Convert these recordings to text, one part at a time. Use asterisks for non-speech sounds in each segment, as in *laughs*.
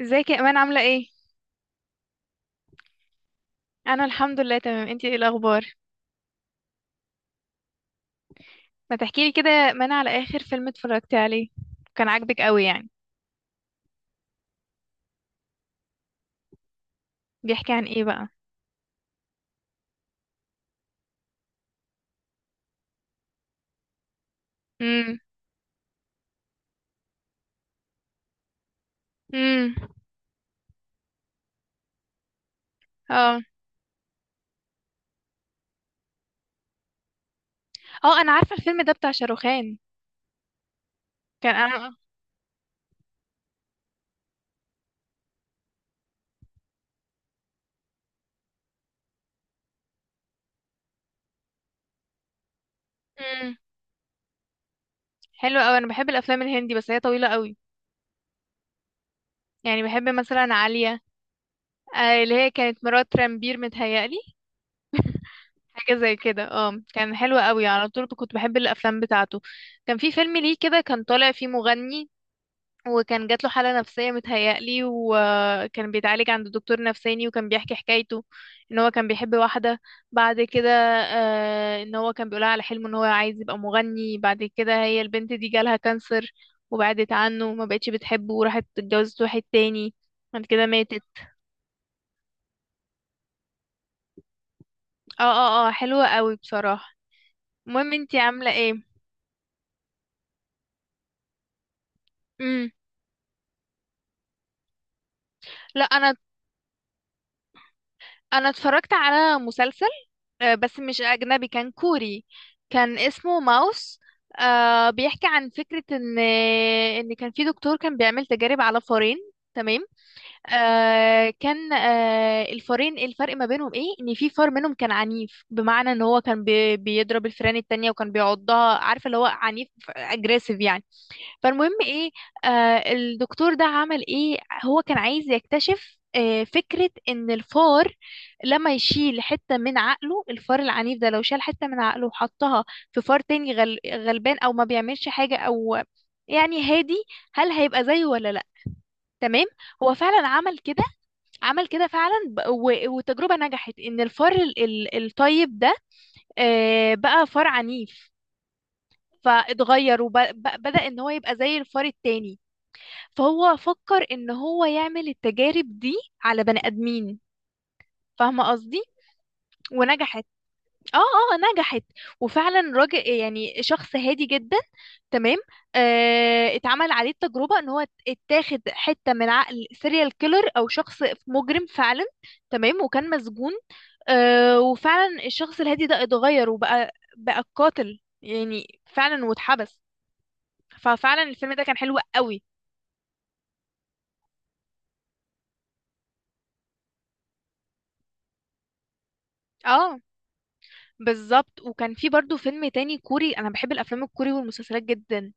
ازيك يا امان؟ عامله ايه؟ انا الحمد لله تمام. انتي ايه الاخبار؟ ما تحكيلي كده يا امان على اخر فيلم اتفرجتي عليه، كان عاجبك قوي يعني؟ بيحكي عن ايه بقى؟ امم. امم. اه اه، انا عارفه الفيلم ده بتاع شاروخان. كان انا. امم. حلو قوي، انا بحب الافلام الهندي بس هي طويله قوي. يعني بحب مثلا عاليه، آه اللي هي كانت مرات رامبير متهيألي. *laughs* حاجه زي كده، اه كان حلو قوي، على طول كنت بحب الافلام بتاعته. كان في فيلم ليه كده، كان طالع فيه مغني، وكان جات له حالة نفسية متهيألي، وكان بيتعالج عند دكتور نفساني وكان بيحكي حكايته، ان هو كان بيحب واحدة. بعد كده ان هو كان بيقولها على حلمه ان هو عايز يبقى مغني. بعد كده هي البنت دي جالها كانسر، وبعدت عنه، ما بقتش بتحبه وراحت اتجوزت واحد تاني. بعد كده ماتت. اه اه اه، حلوة قوي بصراحة. المهم، انتي عاملة ايه؟ امم. لا انا اتفرجت على مسلسل، بس مش اجنبي، كان كوري. كان اسمه ماوس. بيحكي عن فكرة ان كان في دكتور كان بيعمل تجارب على فارين. تمام. آه كان الفارين الفرق ما بينهم ايه، ان في فار منهم كان عنيف، بمعنى ان هو كان بيضرب الفئران التانية وكان بيعضها، عارفة اللي هو عنيف، اجريسيف يعني. فالمهم ايه؟ آه الدكتور ده عمل ايه؟ هو كان عايز يكتشف فكرة ان الفار لما يشيل حتة من عقله، الفار العنيف ده لو شال حتة من عقله وحطها في فار تاني غلبان، او ما بيعملش حاجة، او يعني هادي، هل هيبقى زيه ولا لا؟ تمام. هو فعلا عمل كده. عمل كده فعلا، والتجربة نجحت ان الفار الطيب ده آه بقى فار عنيف، فاتغير وبدأ ان هو يبقى زي الفار التاني. فهو فكر ان هو يعمل التجارب دي على بني ادمين، فاهمه قصدي؟ ونجحت. اه اه نجحت. وفعلا راجل، يعني شخص هادي جدا، تمام، آه اتعمل عليه التجربه ان هو اتاخد حته من عقل سيريال كيلر او شخص مجرم فعلا، تمام، وكان مسجون. آه، وفعلا الشخص الهادي ده اتغير وبقى قاتل يعني فعلا واتحبس. ففعلا الفيلم ده كان حلو قوي. اه بالظبط. وكان في برضو فيلم تاني كوري، انا بحب الافلام الكوري والمسلسلات جدا.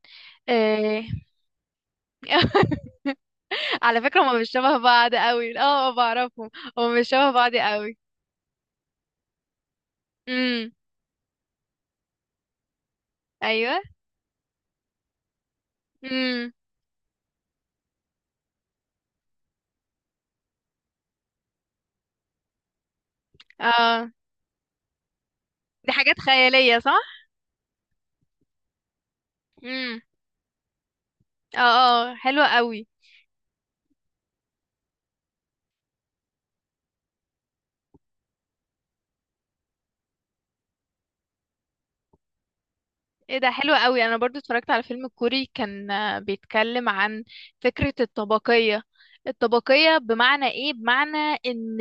آه... *laughs* على فكرة هما مش شبه بعض قوي، اه بعرفهم. هما مش شبه بعض قوي. امم. ايوه. امم. اه، دي حاجات خيالية صح؟ امم. اه اه حلوة قوي. ايه ده، حلو قوي. انا برضو اتفرجت على فيلم كوري كان بيتكلم عن فكرة الطبقية. الطبقية بمعنى ايه؟ بمعنى ان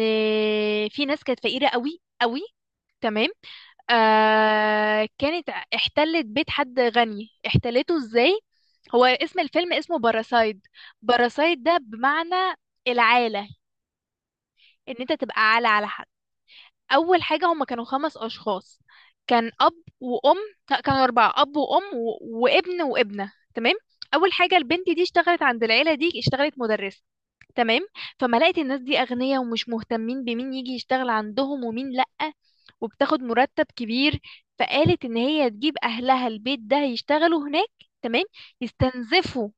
في ناس كانت فقيرة قوي قوي، تمام، آه كانت احتلت بيت حد غني. احتلته ازاي؟ هو اسم الفيلم اسمه باراسايد. باراسايد ده بمعنى العالة، ان انت تبقى عالة على حد. اول حاجه، هما كانوا خمس اشخاص، كان اب وام، لا كانوا اربعه، اب وام وابن وابنه، تمام. اول حاجه، البنت دي اشتغلت عند العيله دي، اشتغلت مدرسه، تمام. فما لقيت الناس دي اغنياء ومش مهتمين بمين يجي يشتغل عندهم ومين لأ، وبتاخد مرتب كبير. فقالت ان هي تجيب اهلها البيت ده يشتغلوا هناك، تمام، يستنزفوا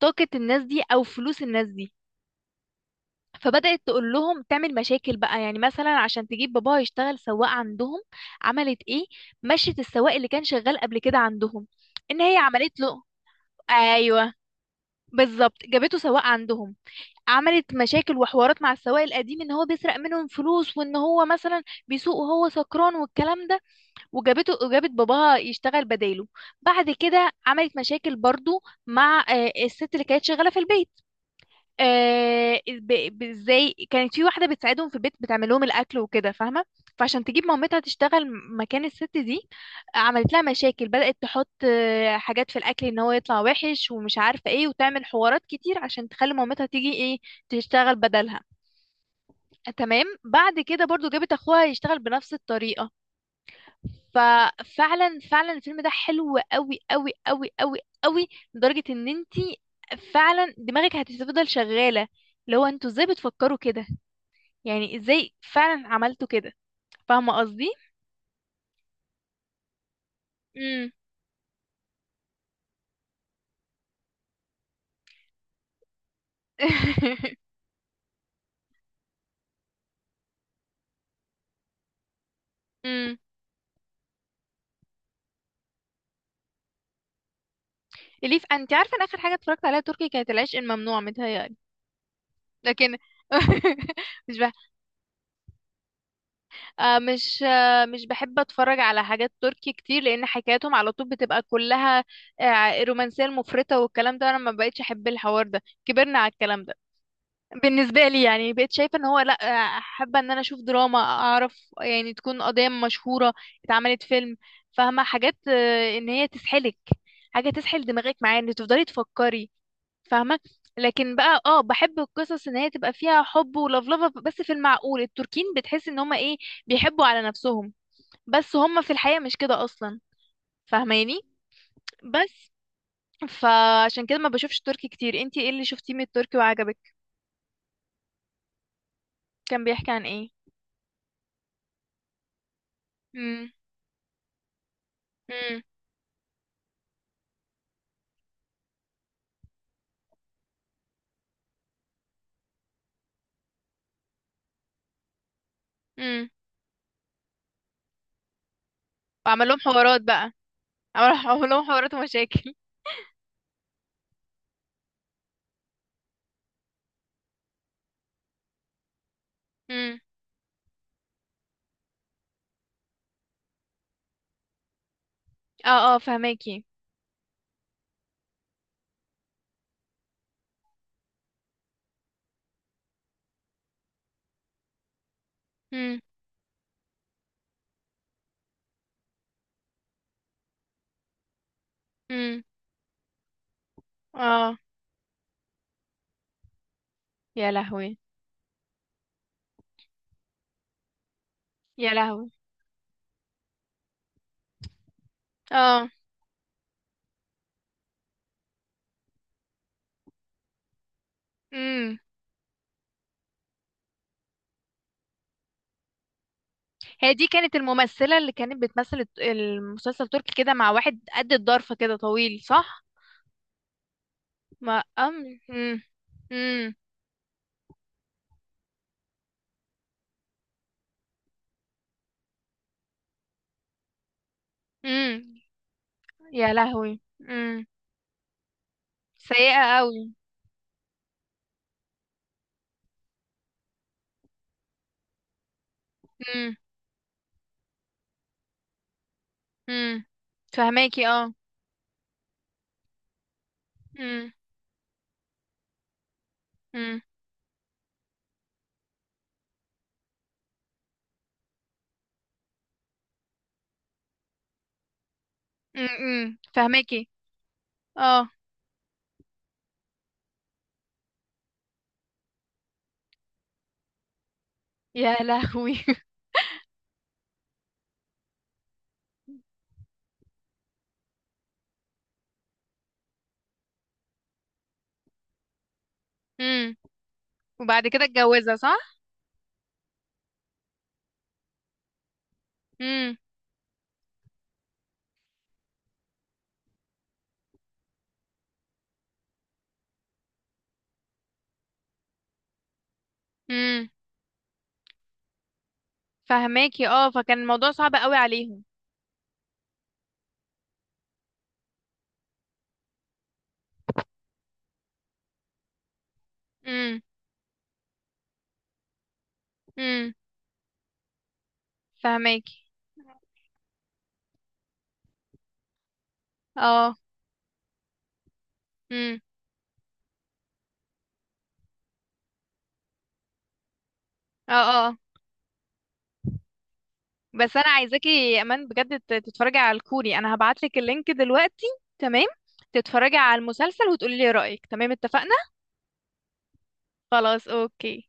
طاقة الناس دي او فلوس الناس دي. فبدأت تقول لهم، تعمل مشاكل بقى. يعني مثلا عشان تجيب باباها يشتغل سواق عندهم، عملت ايه؟ مشت السواق اللي كان شغال قبل كده عندهم. ان هي عملت له، ايوه، بالظبط، جابته سواق عندهم. عملت مشاكل وحوارات مع السواق القديم ان هو بيسرق منهم فلوس، وان هو مثلا بيسوق وهو سكران والكلام ده، وجابته، وجابت باباها يشتغل بداله. بعد كده عملت مشاكل برضو مع الست اللي كانت شغالة في البيت. ازاي، كانت في واحده بتساعدهم في البيت، بتعمل لهم الاكل وكده، فاهمه؟ فعشان تجيب مامتها تشتغل مكان الست دي، عملت لها مشاكل. بدات تحط حاجات في الاكل ان هو يطلع وحش ومش عارفه ايه، وتعمل حوارات كتير عشان تخلي مامتها تيجي ايه، تشتغل بدلها، تمام. بعد كده برضو جابت اخوها يشتغل بنفس الطريقه. ففعلا فعلا الفيلم ده حلو قوي قوي قوي قوي قوي، لدرجة ان انتي فعلا دماغك هتفضل شغالة. اللي هو انتوا ازاي بتفكروا كده؟ يعني ازاي فعلا عملتوا كده؟ فاهمة قصدي؟ امم. *laughs* امم. اليف. انت عارفة ان اخر حاجة اتفرجت عليها تركي كانت العشق الممنوع متهيألي. لكن *laughs* مش مش بحب اتفرج على حاجات تركي كتير، لان حكاياتهم على طول بتبقى كلها رومانسيه المفرطه والكلام ده، انا ما بقتش احب الحوار ده، كبرنا على الكلام ده. بالنسبه لي يعني بقيت شايفه ان هو لا، حابه ان انا اشوف دراما، اعرف يعني تكون قضيه مشهوره اتعملت فيلم، فاهمه، حاجات ان هي تسحلك، حاجه تسحل دماغك معايا ان تفضلي تفكري، فاهمة؟ لكن بقى اه بحب القصص ان هي تبقى فيها حب ولفلفة بس في المعقول. التركين بتحس ان هما ايه، بيحبوا على نفسهم، بس هما في الحقيقة مش كده اصلا، فاهماني؟ بس. فعشان كده ما بشوفش تركي كتير. انتي ايه اللي شفتيه من التركي وعجبك؟ كان بيحكي عن ايه؟ امم. امم. امم. وعمل لهم حوارات بقى. *laughs* عمل لهم حوارات ومشاكل. *laughs* امم. اه اه فهماكي. امم. امم. اه. يا لهوي. يا لهوي. اه. امم. هي دي كانت الممثلة اللي كانت بتمثل المسلسل التركي كده مع واحد قد الضرفة كده طويل صح؟ ما أم. مم. مم. مم. يا لهوي. مم. سيئة قوي. مم. مم. فهماكي، اه. مم. مم. مم. مم. فهماكي، اه. يا لهوي. *laughs* مم. وبعد كده اتجوزها صح؟ مم. مم. فهماكي اه، فكان الموضوع صعب قوي عليهم. مم. مم. فهماكي اه. مم. اه اه. بس انا عايزاكي يا امان بجد تتفرجي على الكوري. انا هبعتلك اللينك دلوقتي، تمام؟ تتفرجي على المسلسل وتقولي لي رأيك، تمام؟ اتفقنا؟ خلاص، اوكي.